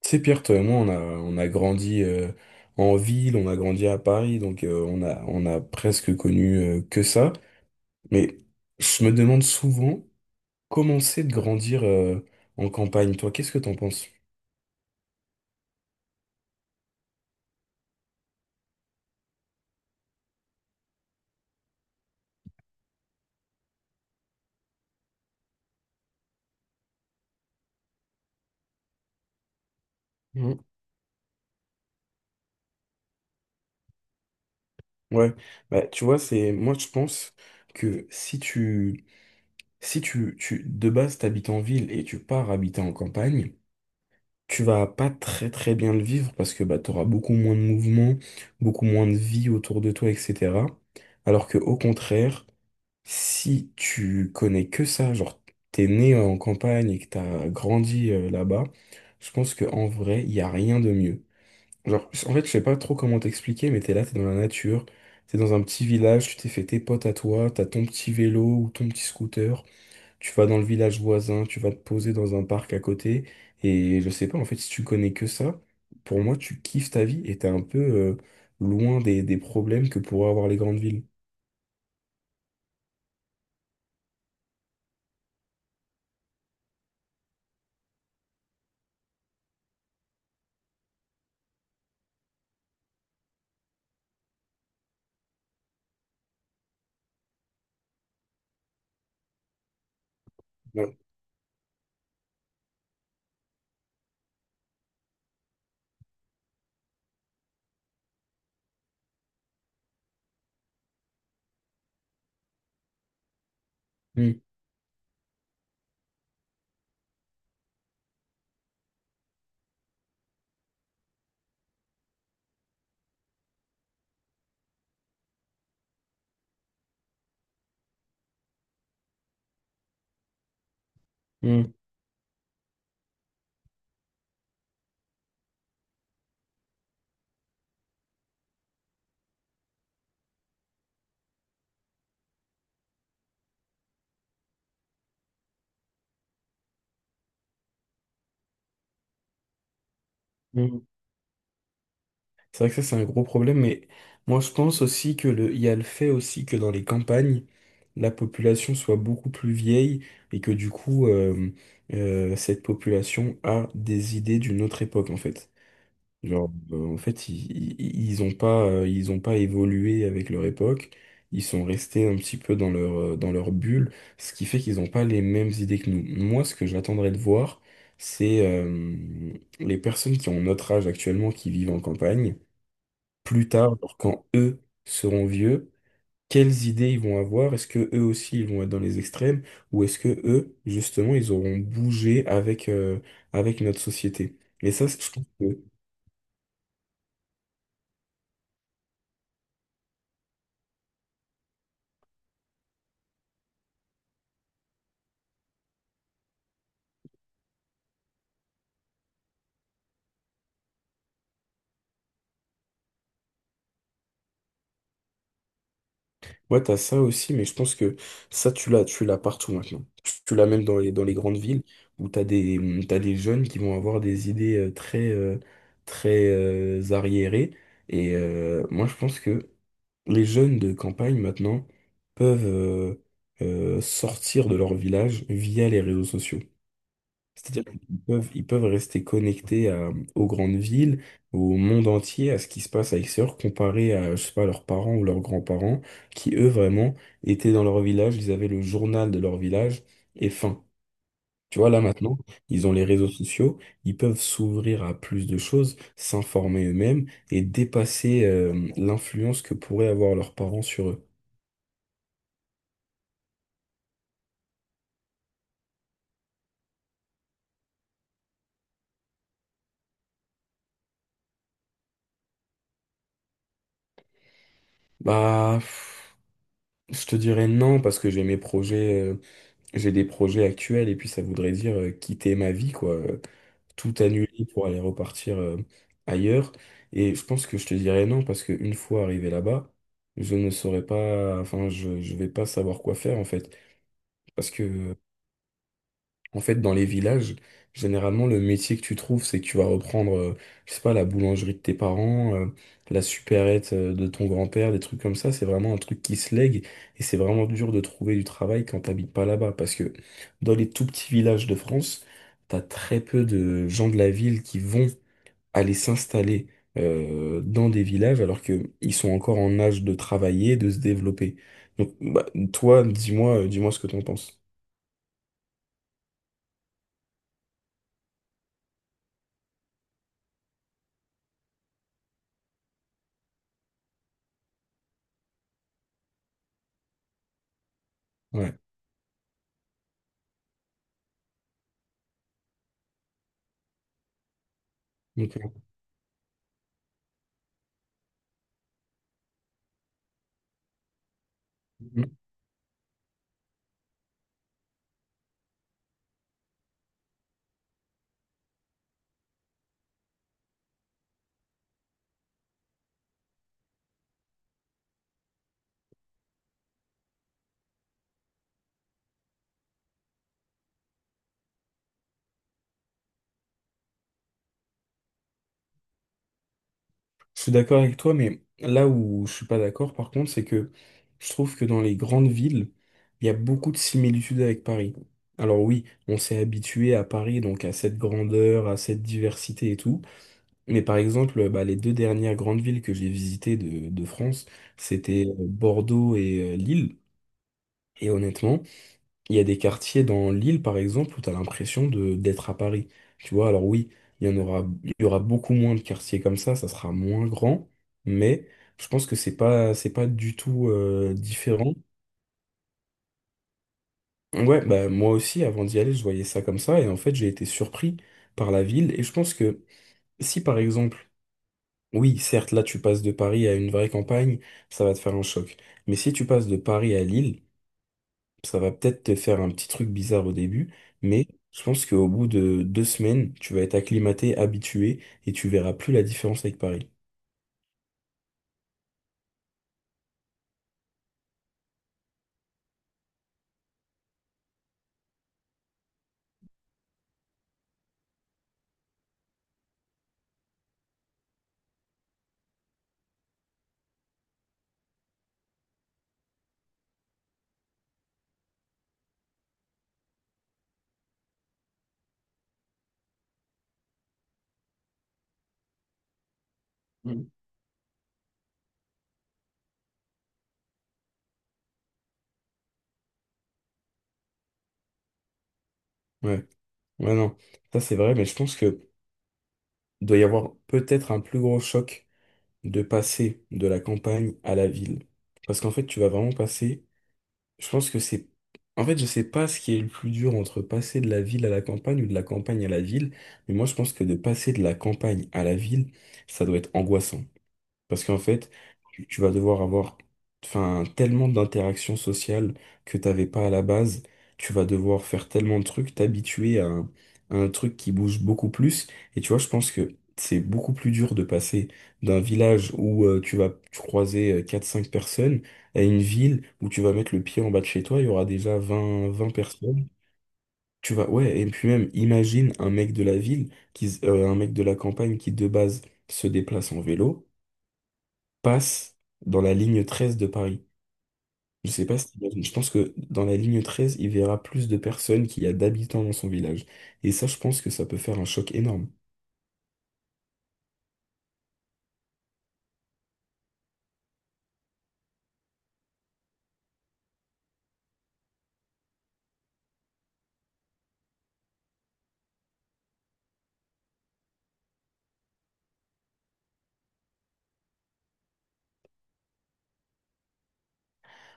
C'est Pierre, toi et moi, on a grandi en ville, on a grandi à Paris, donc on a presque connu que ça. Mais je me demande souvent comment c'est de grandir en campagne. Toi, qu'est-ce que t'en penses? Mhm. Ouais, bah, tu vois, c'est moi je pense que si tu, de base t'habites en ville et tu pars habiter en campagne, tu vas pas très très bien le vivre parce que bah, tu auras beaucoup moins de mouvement, beaucoup moins de vie autour de toi, etc. Alors que au contraire, si tu connais que ça, genre t'es né en campagne et que t'as grandi là-bas, je pense que en vrai, il y a rien de mieux. Genre, en fait, je sais pas trop comment t'expliquer, mais t'es là, t'es dans la nature, t'es dans un petit village, tu t'es fait tes potes à toi, t'as ton petit vélo ou ton petit scooter. Tu vas dans le village voisin, tu vas te poser dans un parc à côté, et je sais pas, en fait, si tu connais que ça, pour moi, tu kiffes ta vie et t'es un peu loin des problèmes que pourraient avoir les grandes villes. Ouais. Mm, mm, mm. C'est vrai que ça, c'est un gros problème, mais moi, je pense aussi que le, il y a le fait aussi que dans les campagnes, la population soit beaucoup plus vieille et que du coup, cette population a des idées d'une autre époque, en fait. Genre, en fait, ils ont pas, ils ont pas évolué avec leur époque. Ils sont restés un petit peu dans leur bulle, ce qui fait qu'ils n'ont pas les mêmes idées que nous. Moi, ce que j'attendrais de voir, c'est les personnes qui ont notre âge actuellement, qui vivent en campagne, plus tard, alors quand eux seront vieux, quelles idées ils vont avoir? Est-ce que eux aussi ils vont être dans les extrêmes? Ou est-ce que eux, justement, ils auront bougé avec, avec notre société? Et ça, c'est- je trouve que Ouais, t'as ça aussi, mais je pense que ça, tu l'as partout maintenant. Tu l'as même dans les grandes villes où t'as des, mmh, t'as des jeunes qui vont avoir des idées très, très arriérées. Et moi, je pense que les jeunes de campagne maintenant peuvent sortir de leur village via les réseaux sociaux. C'est-à-dire qu'ils peuvent rester connectés à- aux grandes villes, au monde entier, à ce qui se passe à l'extérieur, comparé à, je sais pas, leurs parents ou leurs grands-parents, qui eux vraiment étaient dans leur village, ils avaient le journal de leur village et fin. Tu vois, là maintenant, ils ont les réseaux sociaux, ils peuvent s'ouvrir à plus de choses, s'informer eux-mêmes et dépasser, l'influence que pourraient avoir leurs parents sur eux. Bah, pff, je te dirais non parce que j'ai mes projets. J'ai des projets actuels et puis ça voudrait dire quitter ma vie, quoi. Tout annuler pour aller repartir ailleurs. Et je pense que je te dirais non parce qu'une fois arrivé là-bas, je ne saurais pas, enfin, je vais pas savoir quoi faire en fait. Parce que en fait, dans les villages, généralement, le métier que tu trouves, c'est que tu vas reprendre, je sais pas, la boulangerie de tes parents, la supérette de ton grand-père, des trucs comme ça. C'est vraiment un truc qui se lègue et c'est vraiment dur de trouver du travail quand t'habites pas là-bas. Parce que dans les tout petits villages de France, t'as très peu de gens de la ville qui vont aller s'installer dans des villages alors que ils sont encore en âge de travailler, de se développer. Donc, bah, toi, dis-moi, dis-moi ce que t'en penses. Ouais. Ok. Je suis d'accord avec toi, mais là où je suis pas d'accord, par contre, c'est que je trouve que dans les grandes villes, il y a beaucoup de similitudes avec Paris. Alors oui, on s'est habitué à Paris, donc à cette grandeur, à cette diversité et tout. Mais par exemple, bah, les deux dernières grandes villes que j'ai visitées de France, c'était Bordeaux et Lille. Et honnêtement, il y a des quartiers dans l'île, par exemple, où tu as l'impression de d'être à Paris. Tu vois, alors oui, il y en aura, il y aura beaucoup moins de quartiers comme ça sera moins grand, mais je pense que c'est pas du tout différent. Ouais, bah moi aussi, avant d'y aller, je voyais ça comme ça, et en fait, j'ai été surpris par la ville, et je pense que si, par exemple, oui, certes, là, tu passes de Paris à une vraie campagne, ça va te faire un choc, mais si tu passes de Paris à Lille, ça va peut-être te faire un petit truc bizarre au début, mais je pense qu'au bout de deux semaines, tu vas être acclimaté, habitué, et tu verras plus la différence avec Paris. Mm. Ouais, ouais, non, ça c'est vrai, mais je pense que doit y avoir peut-être un plus gros choc de passer de la campagne à la ville. Parce qu'en fait, tu vas vraiment passer. Je pense que c'est. En fait, je sais pas ce qui est le plus dur entre passer de la ville à la campagne ou de la campagne à la ville, mais moi je pense que de passer de la campagne à la ville, ça doit être angoissant. Parce qu'en fait, tu vas devoir avoir enfin, tellement d'interactions sociales que t'avais pas à la base. Tu vas devoir faire tellement de trucs, t'habituer à un truc qui bouge beaucoup plus. Et tu vois, je pense que c'est beaucoup plus dur de passer d'un village où tu vas croiser quatre cinq personnes à une ville où tu vas mettre le pied en bas de chez toi, il y aura déjà vingt personnes. Tu vas, ouais, et puis même, imagine un mec de la campagne qui de base se déplace en vélo passe dans la ligne 13 de Paris. Je sais pas si t'imagines. Je pense que dans la ligne 13, il verra plus de personnes qu'il y a d'habitants dans son village. Et ça, je pense que ça peut faire un choc énorme.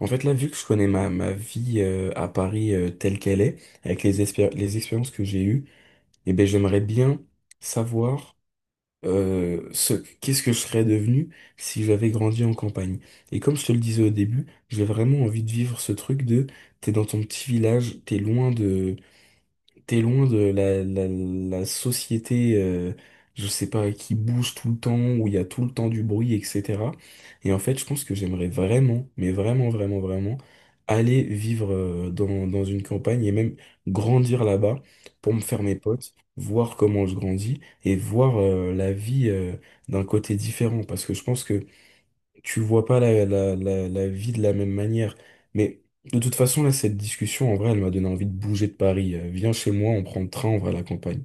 En fait, là, vu que je connais ma vie à Paris telle qu'elle est, avec les, espé- les expériences que j'ai eues, eh ben, j'aimerais bien savoir euh, ce, qu'est-ce que je serais devenu si j'avais grandi en campagne. Et comme je te le disais au début, j'ai vraiment envie de vivre ce truc de t'es dans ton petit village, T'es loin de la société, je sais pas, qui bouge tout le temps, où il y a tout le temps du bruit, etc. Et en fait, je pense que j'aimerais vraiment, mais vraiment, vraiment, vraiment, aller vivre dans une campagne et même grandir là-bas pour me faire mes potes, voir comment je grandis et voir la vie d'un côté différent. Parce que je pense que tu le vois pas la vie de la même manière. Mais de toute façon, là, cette discussion, en vrai, elle m'a donné envie de bouger de Paris. Viens chez moi, on prend le train, on va à la campagne.